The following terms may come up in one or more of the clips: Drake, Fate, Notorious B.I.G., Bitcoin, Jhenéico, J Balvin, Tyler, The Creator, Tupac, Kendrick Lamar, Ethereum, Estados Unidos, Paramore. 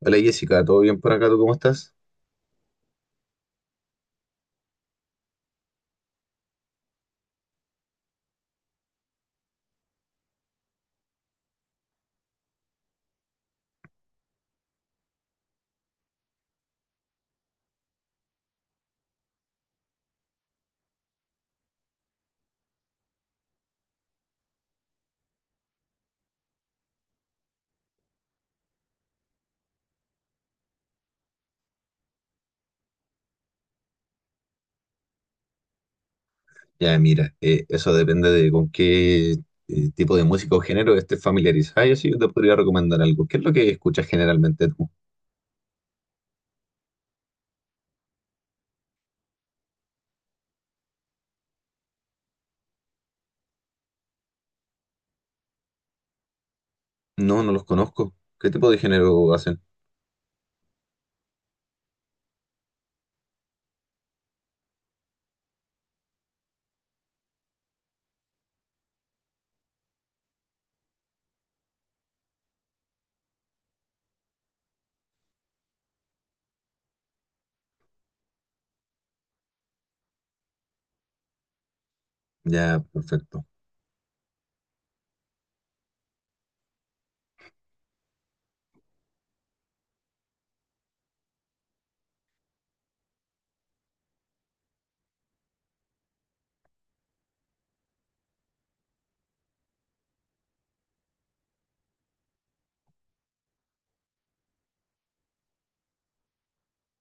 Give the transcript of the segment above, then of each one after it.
Hola Jessica, ¿todo bien por acá? ¿Tú cómo estás? Ya, mira, eso depende de con qué tipo de música o género estés familiarizada. Yo sí, yo te podría recomendar algo. ¿Qué es lo que escuchas generalmente tú? No, no los conozco. ¿Qué tipo de género hacen? Ya, perfecto.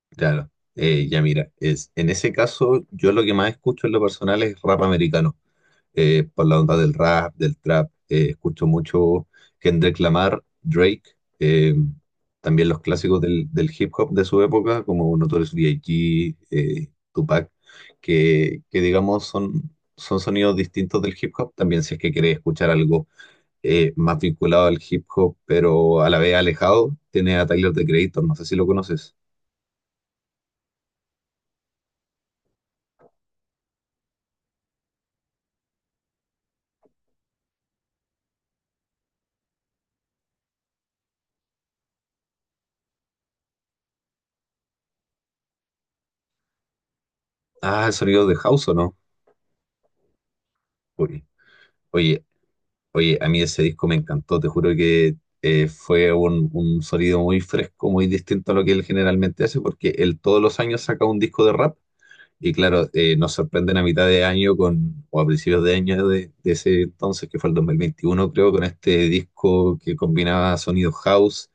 Claro. Ya, mira, en ese caso, yo lo que más escucho en lo personal es rap americano. Por la onda del rap, del trap. Escucho mucho Kendrick Lamar, Drake, eh, también los clásicos del hip hop de su época, como Notorious B.I.G., Tupac, que digamos son sonidos distintos del hip hop. También si es que querés escuchar algo más vinculado al hip hop, pero a la vez alejado, tiene a Tyler, The Creator, no sé si lo conoces. Ah, el sonido de House o no. Uy. Oye, Oye, a mí ese disco me encantó, te juro que fue un sonido muy fresco, muy distinto a lo que él generalmente hace, porque él todos los años saca un disco de rap y claro, nos sorprenden a mitad de año con, o a principios de año de ese entonces, que fue el 2021 creo, con este disco que combinaba sonido house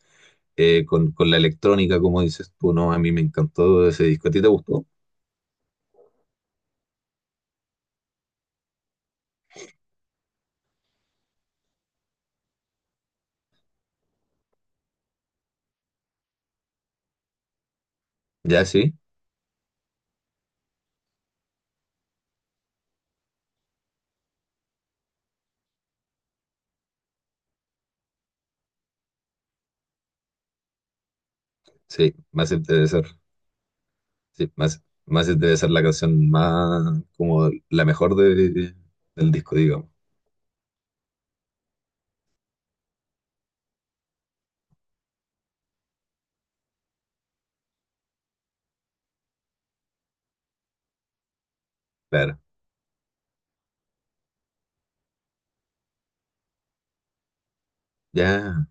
con la electrónica, como dices tú, ¿no? A mí me encantó ese disco, ¿a ti te gustó? Ya, sí, sí, más interesante. Sí, más debe ser la canción más, como la mejor del disco, digamos. Claro. Ya.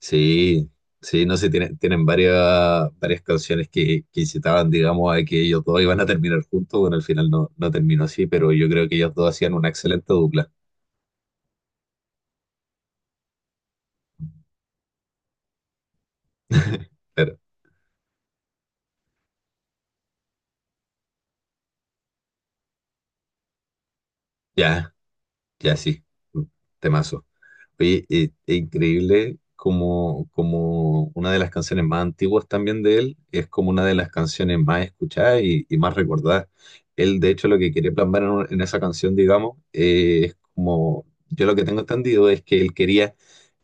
Sí, sí, no sé, tienen varias canciones que incitaban, digamos, a que ellos dos iban a terminar juntos. Bueno, al final no, no terminó así, pero yo creo que ellos dos hacían una excelente dupla. Pero ya, ya sí. Temazo. Oye, es increíble como una de las canciones más antiguas también de él es como una de las canciones más escuchadas y más recordadas. Él, de hecho, lo que quería plasmar en esa canción, digamos, es como, yo lo que tengo entendido es que él quería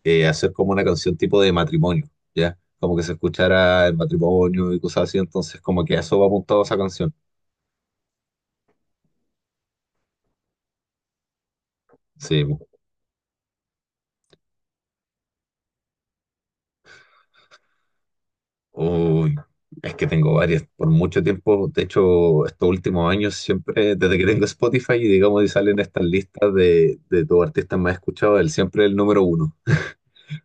hacer como una canción tipo de matrimonio, ¿ya? Como que se escuchara el matrimonio y cosas así, entonces como que a eso va apuntado esa canción. Sí. Uy, es que tengo varias. Por mucho tiempo, de hecho, estos últimos años, siempre, desde que tengo Spotify, y digamos, y salen estas listas de tus artistas más escuchados, él siempre es el número uno,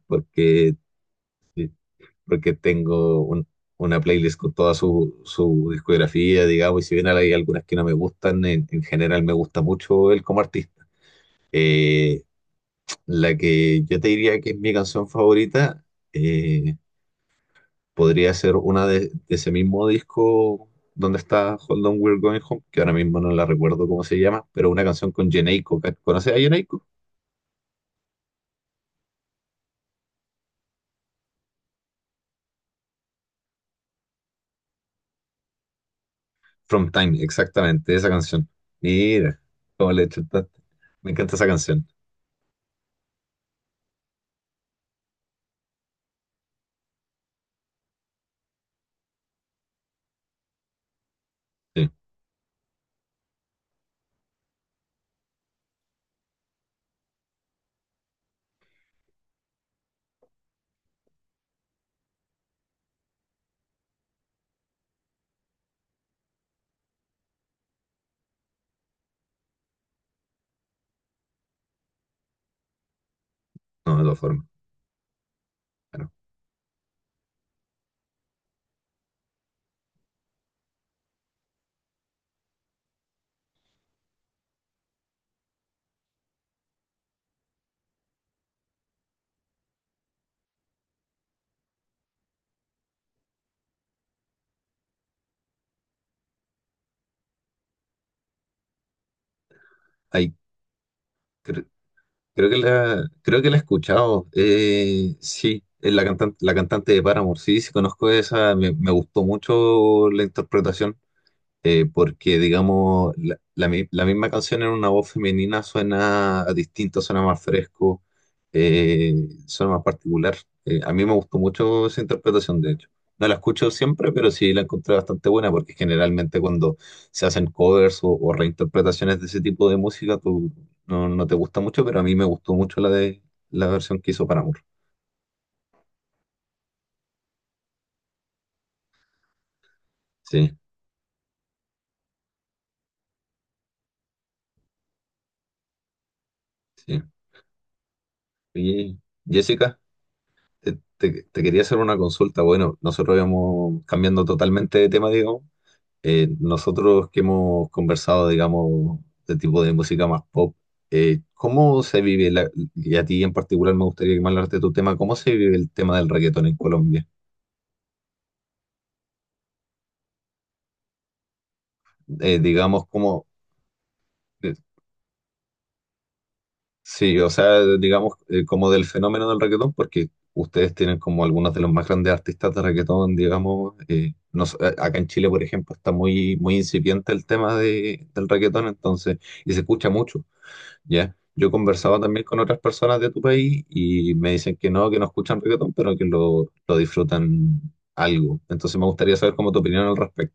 porque, porque tengo una playlist con toda su discografía, digamos, y si bien hay algunas que no me gustan, en general me gusta mucho él como artista. Eh, la que yo te diría que es mi canción favorita. eh, Podría ser una de ese mismo disco donde está Hold On We're Going Home, que ahora mismo no la recuerdo cómo se llama, pero una canción con Jhenéico. ¿Conoces a Jhenéico? From Time, exactamente, esa canción. Mira, cómo le chutaste. Me encanta esa canción. Sí, no, de todas formas. Bueno, ahí cre- creo que la he escuchado. Sí, es la cantante de Paramore. Sí, sí, conozco esa. Me gustó mucho la interpretación porque digamos, la misma canción en una voz femenina suena distinto, suena más fresco, eh, suena más particular. A mí me gustó mucho esa interpretación, de hecho. No la escucho siempre, pero sí la encontré bastante buena, porque generalmente cuando se hacen covers o reinterpretaciones de ese tipo de música, tú no te gusta mucho, pero a mí me gustó mucho la de la versión que hizo para amor. Sí, sí. Oye, Jessica. Te quería hacer una consulta. Bueno, nosotros íbamos cambiando totalmente de tema, digamos. Nosotros que hemos conversado, digamos, de tipo de música más pop, ¿cómo se vive, la- y a ti en particular me gustaría que me hablaras de tu tema, ¿cómo se vive el tema del reggaetón en Colombia? Digamos, ¿cómo? Sí, o sea, digamos, como del fenómeno del reggaetón, porque ustedes tienen como algunos de los más grandes artistas de reggaetón, digamos. Acá en Chile, por ejemplo, está muy, muy incipiente el tema del reggaetón, entonces, y se escucha mucho, ¿ya? Yo he conversado también con otras personas de tu país y me dicen que no escuchan reggaetón, pero que lo disfrutan algo. Entonces me gustaría saber cómo tu opinión al respecto.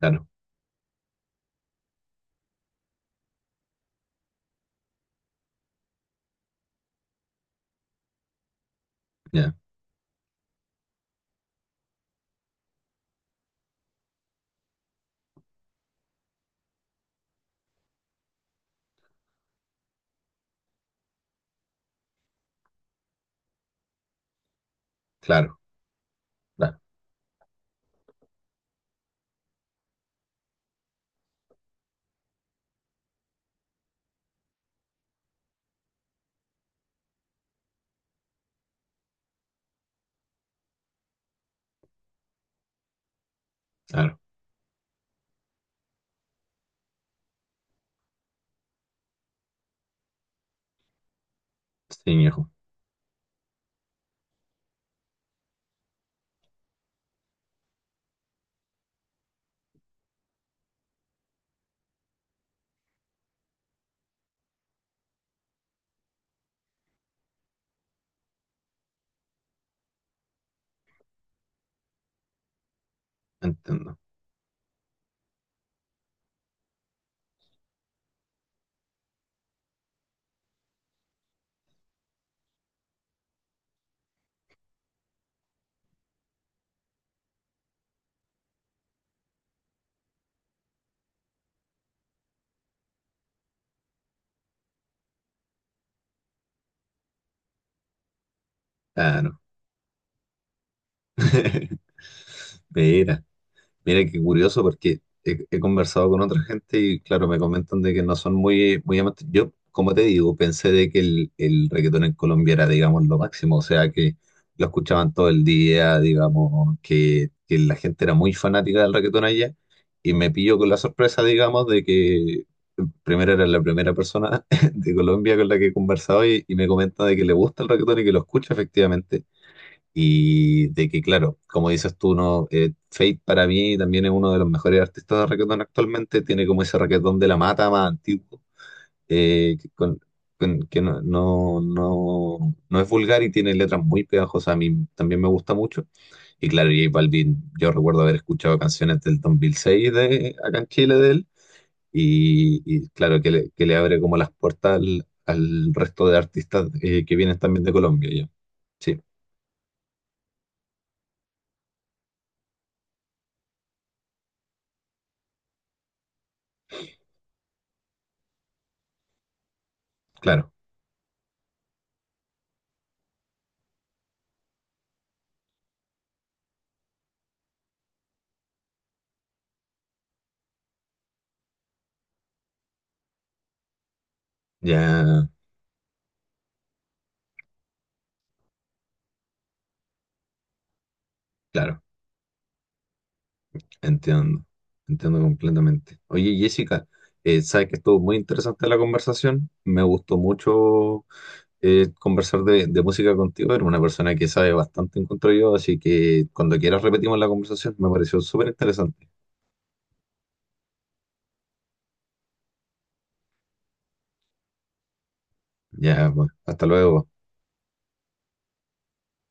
Claro, ya, claro, claro, claro. Sí, viejo, entiendo. Claro. Mira. Mira qué curioso porque he conversado con otra gente y claro, me comentan de que no son muy, muy amantes. Yo, como te digo, pensé de que el reggaetón en Colombia era, digamos, lo máximo, o sea, que lo escuchaban todo el día, digamos, que la gente era muy fanática del reggaetón allá y me pillo con la sorpresa, digamos, de que primero era la primera persona de Colombia con la que he conversado y me comenta de que le gusta el reggaetón y que lo escucha efectivamente y de que, claro, como dices tú, no, Fate para mí también es uno de los mejores artistas de reggaetón actualmente. Tiene como ese reggaetón de la mata más antiguo, eh, que, con- que no, no, no, no es vulgar y tiene letras muy pegajosas. A mí también me gusta mucho. Y claro, J Balvin, yo recuerdo haber escuchado canciones del 2006 acá en Chile de él. Y claro, que le abre como las puertas al resto de artistas que vienen también de Colombia. Ya. Sí, claro, ya. Claro. Entiendo, entiendo completamente. Oye, Jessica, sabes que estuvo muy interesante la conversación. Me gustó mucho conversar de música contigo. Eres una persona que sabe bastante, encuentro yo, así que cuando quieras repetimos la conversación. Me pareció súper interesante. Ya, pues, hasta luego.